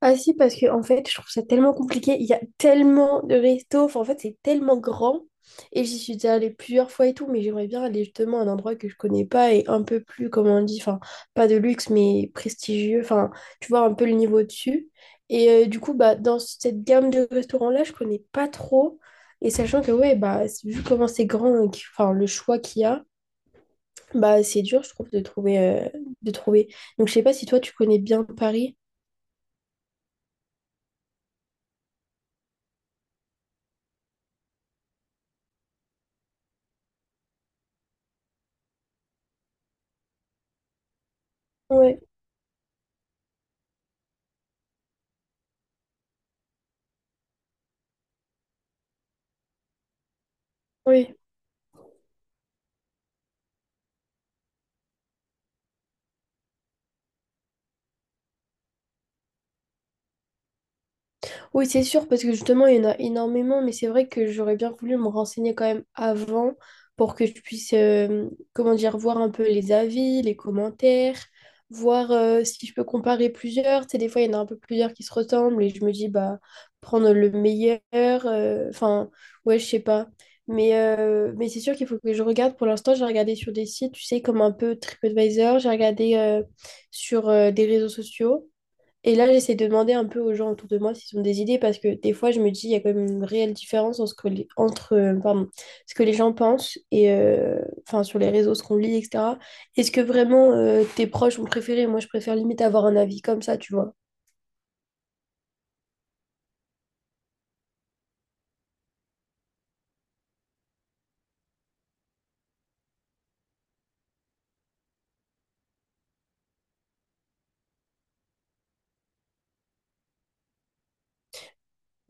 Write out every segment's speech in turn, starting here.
Ah si, parce que en fait, je trouve ça tellement compliqué. Il y a tellement de restos. Enfin, en fait, c'est tellement grand. Et j'y suis déjà allée plusieurs fois et tout, mais j'aimerais bien aller justement à un endroit que je connais pas et un peu plus, comme on dit, enfin, pas de luxe, mais prestigieux. Enfin, tu vois, un peu le niveau dessus. Et du coup, bah, dans cette gamme de restaurants-là, je connais pas trop. Et sachant que, ouais, bah, vu comment c'est grand, et enfin, le choix qu'il y a, bah, c'est dur, je trouve, de trouver, de trouver. Donc, je sais pas si toi, tu connais bien Paris. Ouais, ouais. Oui, c'est sûr, parce que justement, il y en a énormément, mais c'est vrai que j'aurais bien voulu me renseigner quand même avant pour que je puisse, comment dire, voir un peu les avis, les commentaires, voir si je peux comparer plusieurs. Tu sais, des fois, il y en a un peu plusieurs qui se ressemblent et je me dis, bah, prendre le meilleur, enfin, ouais, je sais pas. Mais c'est sûr qu'il faut que je regarde. Pour l'instant, j'ai regardé sur des sites, tu sais, comme un peu TripAdvisor, j'ai regardé sur des réseaux sociaux. Et là, j'essaie de demander un peu aux gens autour de moi s'ils ont des idées parce que des fois, je me dis, il y a quand même une réelle différence entre, entre, pardon, ce que les gens pensent et enfin, sur les réseaux, ce qu'on lit, etc. Est-ce que vraiment tes proches ont préféré? Moi, je préfère limite avoir un avis comme ça, tu vois.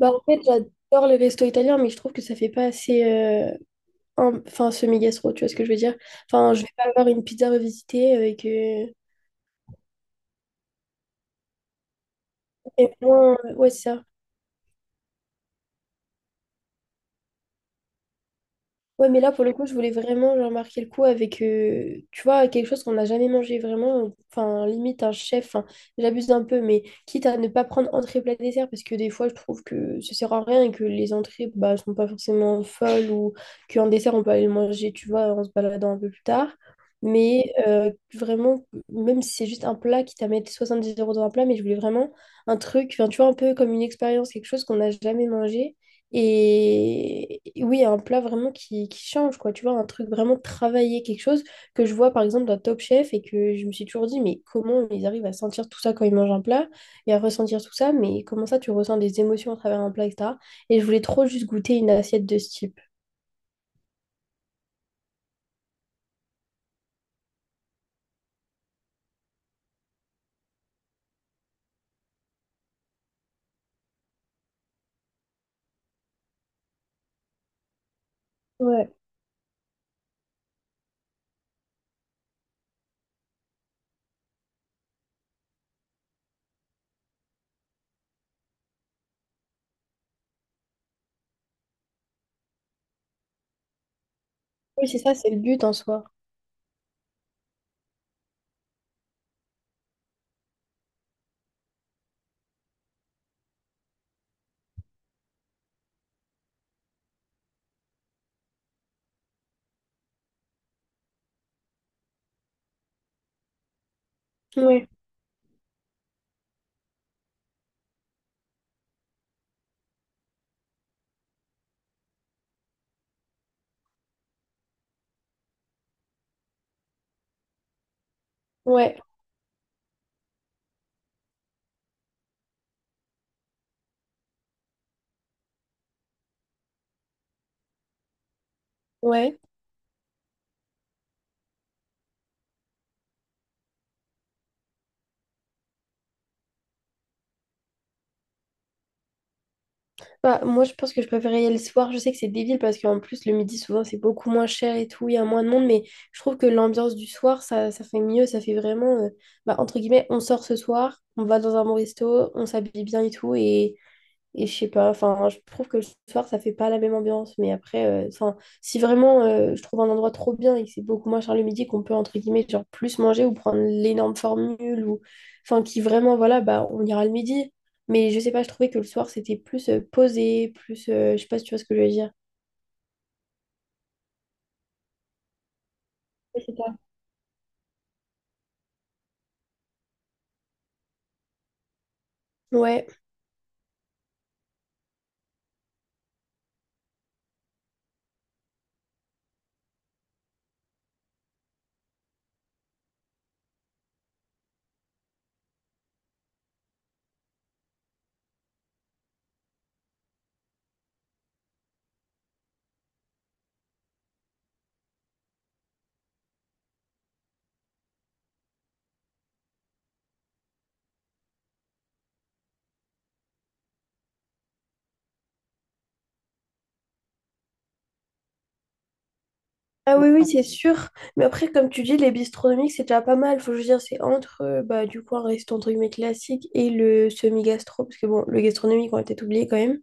Bah, en fait, j'adore les restos italiens, mais je trouve que ça fait pas assez enfin, semi-gastro, tu vois ce que je veux dire? Enfin, je vais pas avoir une pizza revisitée avec. Et moi ouais, c'est ça. Ouais, mais là, pour le coup, je voulais vraiment genre, marquer le coup avec, tu vois, quelque chose qu'on n'a jamais mangé vraiment. Enfin, limite, un chef, enfin, j'abuse un peu, mais quitte à ne pas prendre entrée, plat, dessert, parce que des fois, je trouve que ça sert à rien et que les entrées, bah, sont pas forcément folles ou qu'un dessert, on peut aller le manger, tu vois, en se baladant un peu plus tard. Mais vraiment, même si c'est juste un plat, quitte à mettre 70 euros dans un plat, mais je voulais vraiment un truc, enfin, tu vois, un peu comme une expérience, quelque chose qu'on n'a jamais mangé et oui, un plat vraiment qui change, quoi. Tu vois, un truc vraiment travaillé, quelque chose que je vois par exemple dans Top Chef et que je me suis toujours dit, mais comment ils arrivent à sentir tout ça quand ils mangent un plat et à ressentir tout ça, mais comment ça tu ressens des émotions à travers un plat, et etc. Et je voulais trop juste goûter une assiette de ce type. Ouais. Oui, c'est ça, c'est le but en soi. Ouais, ouais, ouais. Bah, moi, je pense que je préférais y aller le soir. Je sais que c'est débile parce qu'en plus, le midi, souvent, c'est beaucoup moins cher et tout. Il y a moins de monde, mais je trouve que l'ambiance du soir, ça fait mieux. Ça fait vraiment, bah, entre guillemets, on sort ce soir, on va dans un bon resto, on s'habille bien et tout. Et je sais pas, enfin, je trouve que le soir, ça fait pas la même ambiance. Mais après, enfin, si vraiment je trouve un endroit trop bien et que c'est beaucoup moins cher le midi, qu'on peut, entre guillemets, genre plus manger ou prendre l'énorme formule ou, enfin, qui vraiment, voilà, bah, on ira le midi. Mais je sais pas, je trouvais que le soir, c'était plus posé, plus, je sais pas si tu vois ce que je veux dire. Oui, c'est ça. Ouais. Ah oui, oui, c'est sûr. Mais après, comme tu dis, les bistronomiques, c'est déjà pas mal. Faut que je veux dire, c'est entre, bah, du coup, un restaurant entre guillemets classique et le semi-gastro. Parce que bon, le gastronomique, on va peut-être oublier quand même.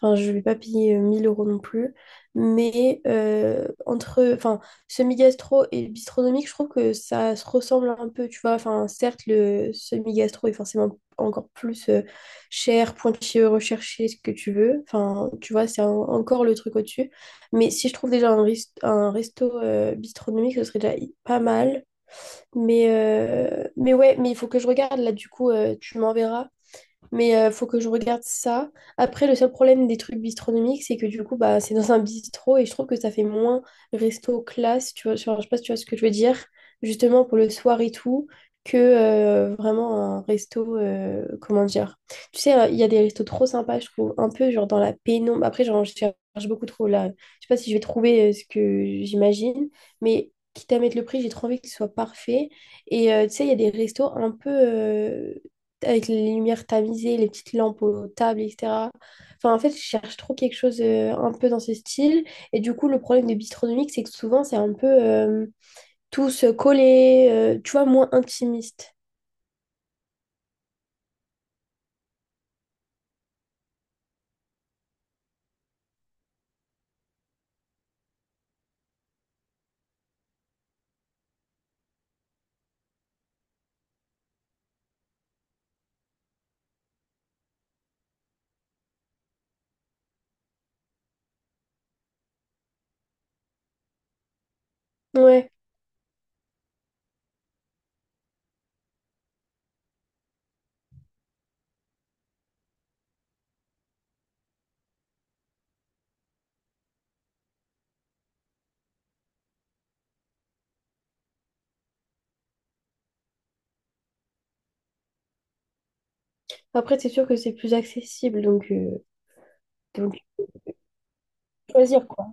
Enfin, je vais pas payer 1000 euros non plus. Mais entre, enfin, semi-gastro et bistronomique, je trouve que ça se ressemble un peu, tu vois. Enfin, certes, le semi-gastro est forcément encore plus cher, pointilleux, recherché, ce que tu veux. Enfin, tu vois, c'est un- encore le truc au-dessus. Mais si je trouve déjà un resto gastronomique, ce serait déjà pas mal. Mais ouais, mais il faut que je regarde là, du coup, tu m'enverras. Mais faut que je regarde ça. Après, le seul problème des trucs bistronomiques, c'est que du coup, bah, c'est dans un bistrot et je trouve que ça fait moins resto classe, tu vois, genre, je sais pas si tu vois ce que je veux dire, justement pour le soir et tout, que vraiment un resto, comment dire. Tu sais, il y a des restos trop sympas, je trouve, un peu genre dans la pénombre. Après, genre, je cherche beaucoup trop là. Je sais pas si je vais trouver ce que j'imagine, mais quitte à mettre le prix, j'ai trop envie que ce soit parfait. Et tu sais, il y a des restos un peu... avec les lumières tamisées, les petites lampes aux tables, etc. Enfin, en fait, je cherche trop quelque chose un peu dans ce style. Et du coup, le problème des bistronomiques, c'est que souvent, c'est un peu tous collés, tu vois, moins intimiste. Ouais. Après, c'est sûr que c'est plus accessible, donc choisir, quoi.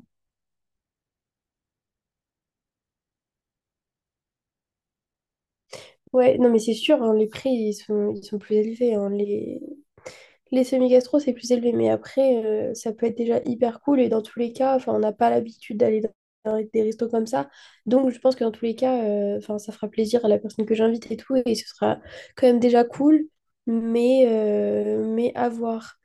Ouais, non, mais c'est sûr, hein, les prix, ils sont plus élevés. Hein, les... Les semi-gastro, c'est plus élevé, mais après, ça peut être déjà hyper cool. Et dans tous les cas, enfin, on n'a pas l'habitude d'aller dans des restos comme ça. Donc, je pense que dans tous les cas, enfin, ça fera plaisir à la personne que j'invite et tout. Et ce sera quand même déjà cool, mais à voir.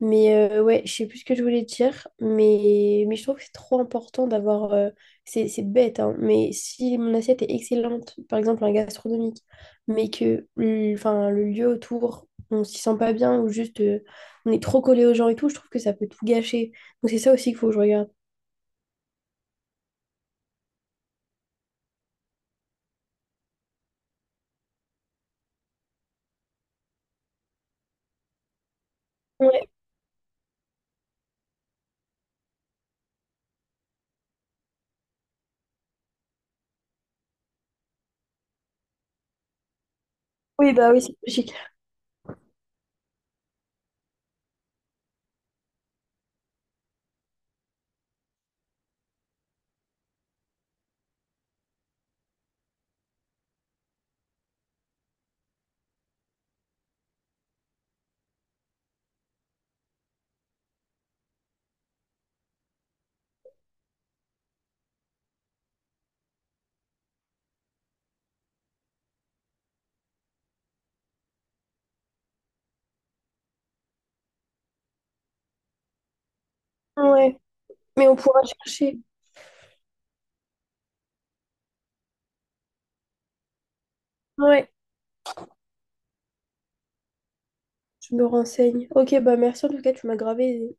Mais ouais, je sais plus ce que je voulais dire, mais je trouve que c'est trop important d'avoir. C'est bête, hein, mais si mon assiette est excellente, par exemple un gastronomique, mais que enfin, le lieu autour on s'y sent pas bien ou juste on est trop collé aux gens et tout, je trouve que ça peut tout gâcher. Donc c'est ça aussi qu'il faut que je regarde. Ouais. Oui, bah oui, c'est logique. Ouais, mais on pourra chercher. Ouais, je me renseigne. Ok, bah merci en tout cas, tu m'as gravé